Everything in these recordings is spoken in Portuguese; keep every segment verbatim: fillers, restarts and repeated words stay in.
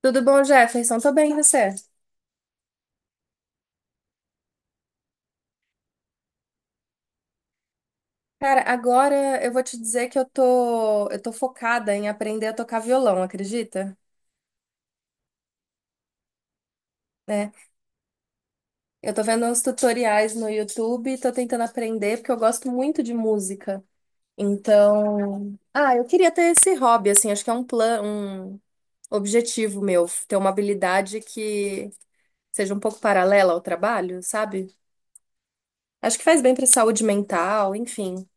Tudo bom, Jefferson? Tô bem, e você? Cara, agora eu vou te dizer que eu tô, eu tô focada em aprender a tocar violão, acredita? É, eu tô vendo uns tutoriais no YouTube e tô tentando aprender porque eu gosto muito de música. Então, ah, eu queria ter esse hobby, assim, acho que é um plano, um objetivo meu, ter uma habilidade que seja um pouco paralela ao trabalho, sabe? Acho que faz bem pra saúde mental, enfim.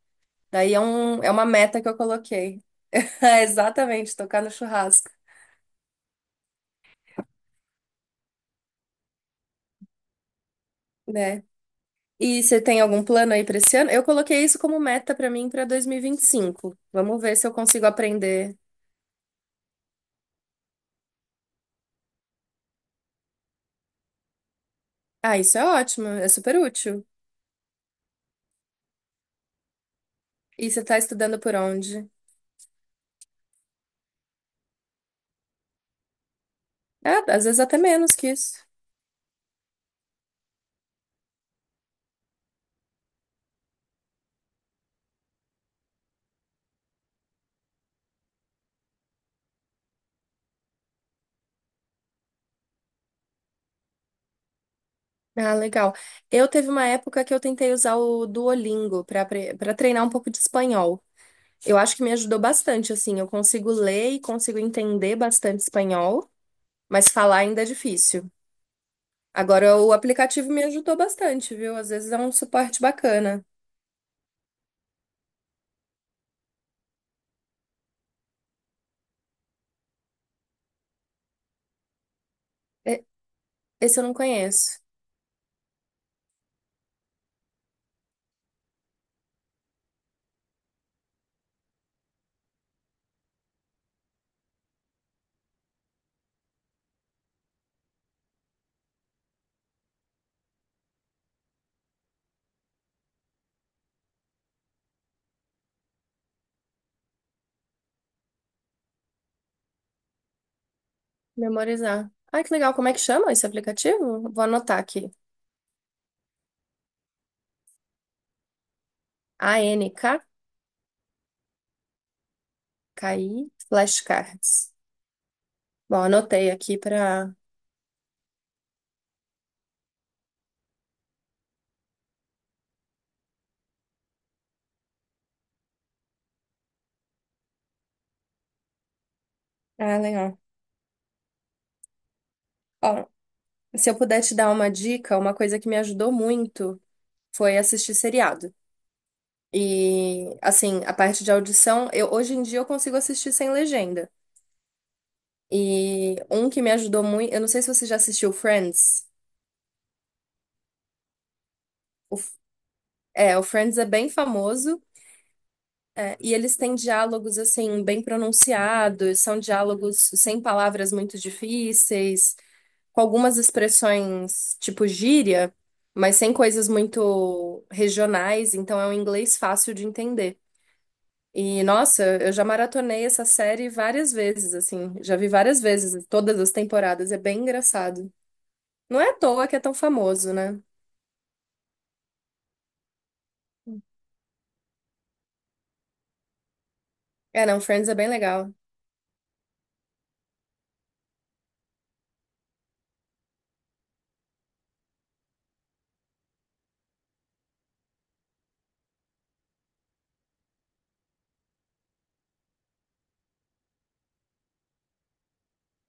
Daí é um, é uma meta que eu coloquei. É, exatamente, tocar no churrasco, né? E você tem algum plano aí para esse ano? Eu coloquei isso como meta para mim para dois mil e vinte e cinco. Vamos ver se eu consigo aprender. Ah, isso é ótimo, é super útil. E você tá estudando por onde? É, às vezes até menos que isso. Ah, legal. Eu teve uma época que eu tentei usar o Duolingo para para treinar um pouco de espanhol. Eu acho que me ajudou bastante, assim, eu consigo ler e consigo entender bastante espanhol, mas falar ainda é difícil. Agora, o aplicativo me ajudou bastante, viu? Às vezes é um suporte bacana. E- Esse eu não conheço. Memorizar. Ai, que legal. Como é que chama esse aplicativo? Vou anotar aqui. a n k ANKKI Flashcards. Bom, anotei aqui para. Ah, legal. Ó, se eu puder te dar uma dica, uma coisa que me ajudou muito foi assistir seriado. E, assim, a parte de audição, eu, hoje em dia eu consigo assistir sem legenda. E um que me ajudou muito, eu não sei se você já assistiu Friends. É, o Friends é bem famoso, é, e eles têm diálogos assim bem pronunciados, são diálogos sem palavras muito difíceis, com algumas expressões tipo gíria, mas sem coisas muito regionais, então é um inglês fácil de entender. E nossa, eu já maratonei essa série várias vezes, assim, já vi várias vezes, todas as temporadas, é bem engraçado. Não é à toa que é tão famoso, né? É, não, Friends é bem legal.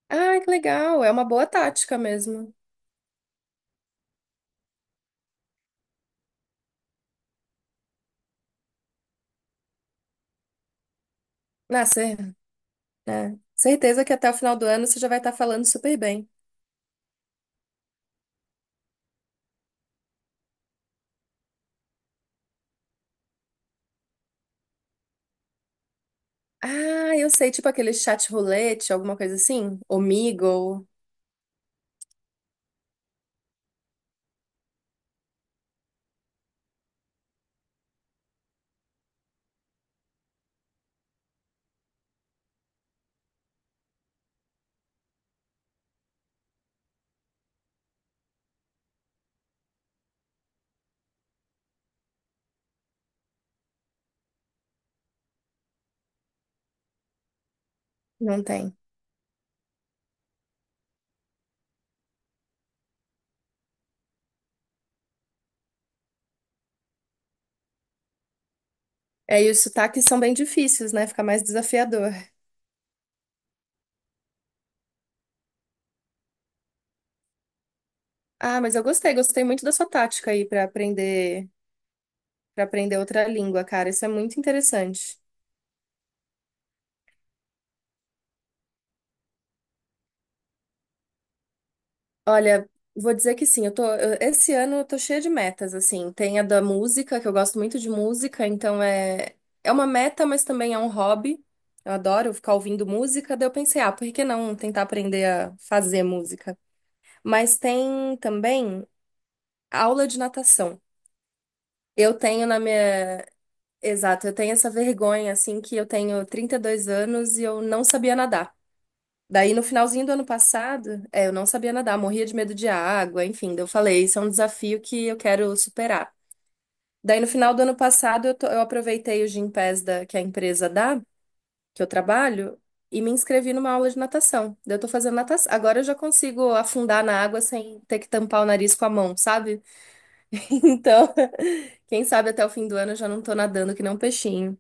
Ah, que legal, é uma boa tática mesmo. Nascer É. Certeza que até o final do ano você já vai estar falando super bem. Ah, eu sei, tipo aquele chat roulette, alguma coisa assim? Omegle. Não tem. É, e os sotaques são bem difíceis, né? Fica mais desafiador. Ah, mas eu gostei, gostei muito da sua tática aí pra aprender, para aprender outra língua, cara. Isso é muito interessante. Olha, vou dizer que sim, eu tô, eu- esse ano eu tô cheia de metas, assim. Tem a da música, que eu gosto muito de música, então é, é uma meta, mas também é um hobby. Eu adoro ficar ouvindo música, daí eu pensei, ah, por que não tentar aprender a fazer música? Mas tem também aula de natação. Eu tenho na minha. Exato, eu tenho essa vergonha, assim, que eu tenho trinta e dois anos e eu não sabia nadar. Daí, no finalzinho do ano passado, é, eu não sabia nadar, morria de medo de água, enfim. Daí eu falei, isso é um desafio que eu quero superar. Daí, no final do ano passado, eu, to- eu aproveitei o Gympass da, que a empresa dá, que eu trabalho, e me inscrevi numa aula de natação. Daí, eu tô fazendo natação. Agora eu já consigo afundar na água sem ter que tampar o nariz com a mão, sabe? Então, quem sabe até o fim do ano eu já não tô nadando que nem um peixinho.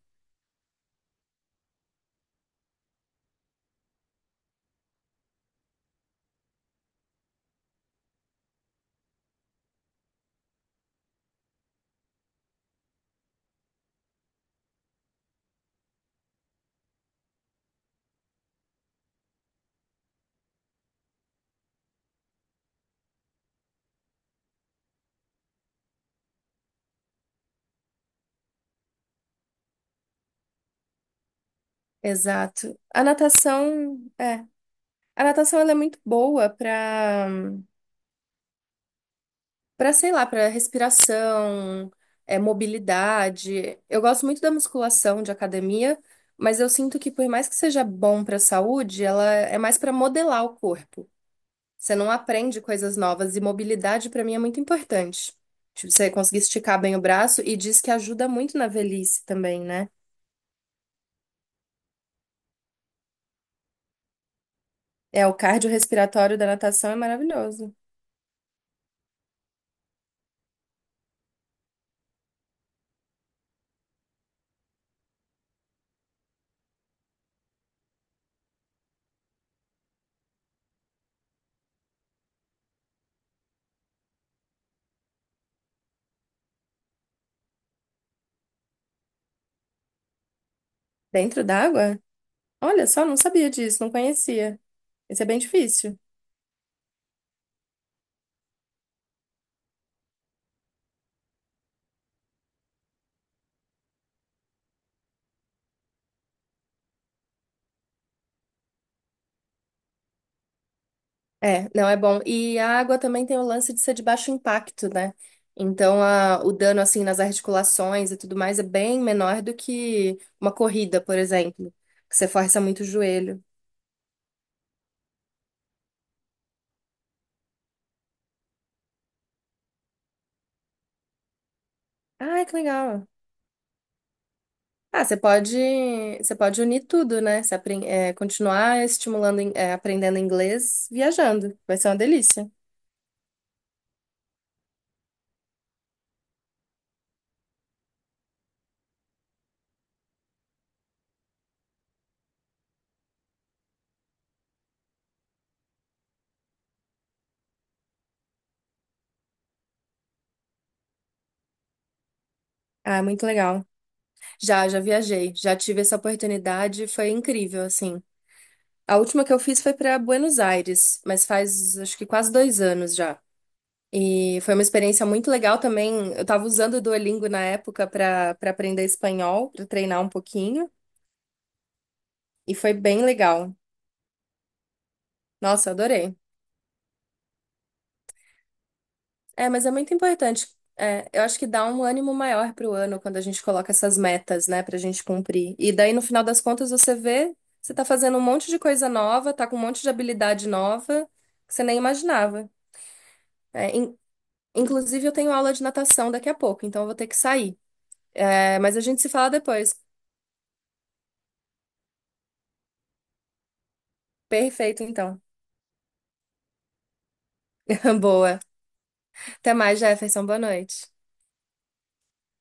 Exato. A natação, é. A natação ela é muito boa para para sei lá, para respiração, é, mobilidade. Eu gosto muito da musculação de academia, mas eu sinto que por mais que seja bom pra saúde, ela é mais para modelar o corpo. Você não aprende coisas novas e mobilidade para mim é muito importante. Tipo, você conseguir esticar bem o braço e diz que ajuda muito na velhice também, né? É, o cardiorrespiratório da natação é maravilhoso. Dentro d'água? Olha só, não sabia disso, não conhecia. Isso é bem difícil. É, não é bom. E a água também tem o lance de ser de baixo impacto, né? Então, a- o dano, assim, nas articulações e tudo mais é bem menor do que uma corrida, por exemplo, que você força muito o joelho. Ah, que legal. Ah, você pode, você pode unir tudo, né? Você apren- é, continuar estimulando, in- é, aprendendo inglês, viajando. Vai ser uma delícia. Ah, muito legal. Já, já viajei, já tive essa oportunidade, foi incrível, assim. A última que eu fiz foi para Buenos Aires, mas faz acho que quase dois anos já. E foi uma experiência muito legal também. Eu estava usando o Duolingo na época para para aprender espanhol, para treinar um pouquinho, e foi bem legal. Nossa, adorei. É, mas é muito importante. É, eu acho que dá um ânimo maior pro ano quando a gente coloca essas metas, né, pra gente cumprir. E daí, no final das contas, você vê, você tá fazendo um monte de coisa nova, tá com um monte de habilidade nova que você nem imaginava. É, in- Inclusive, eu tenho aula de natação daqui a pouco, então eu vou ter que sair. É, mas a gente se fala depois. Perfeito, então. Boa. Até mais, Jefferson. Boa noite.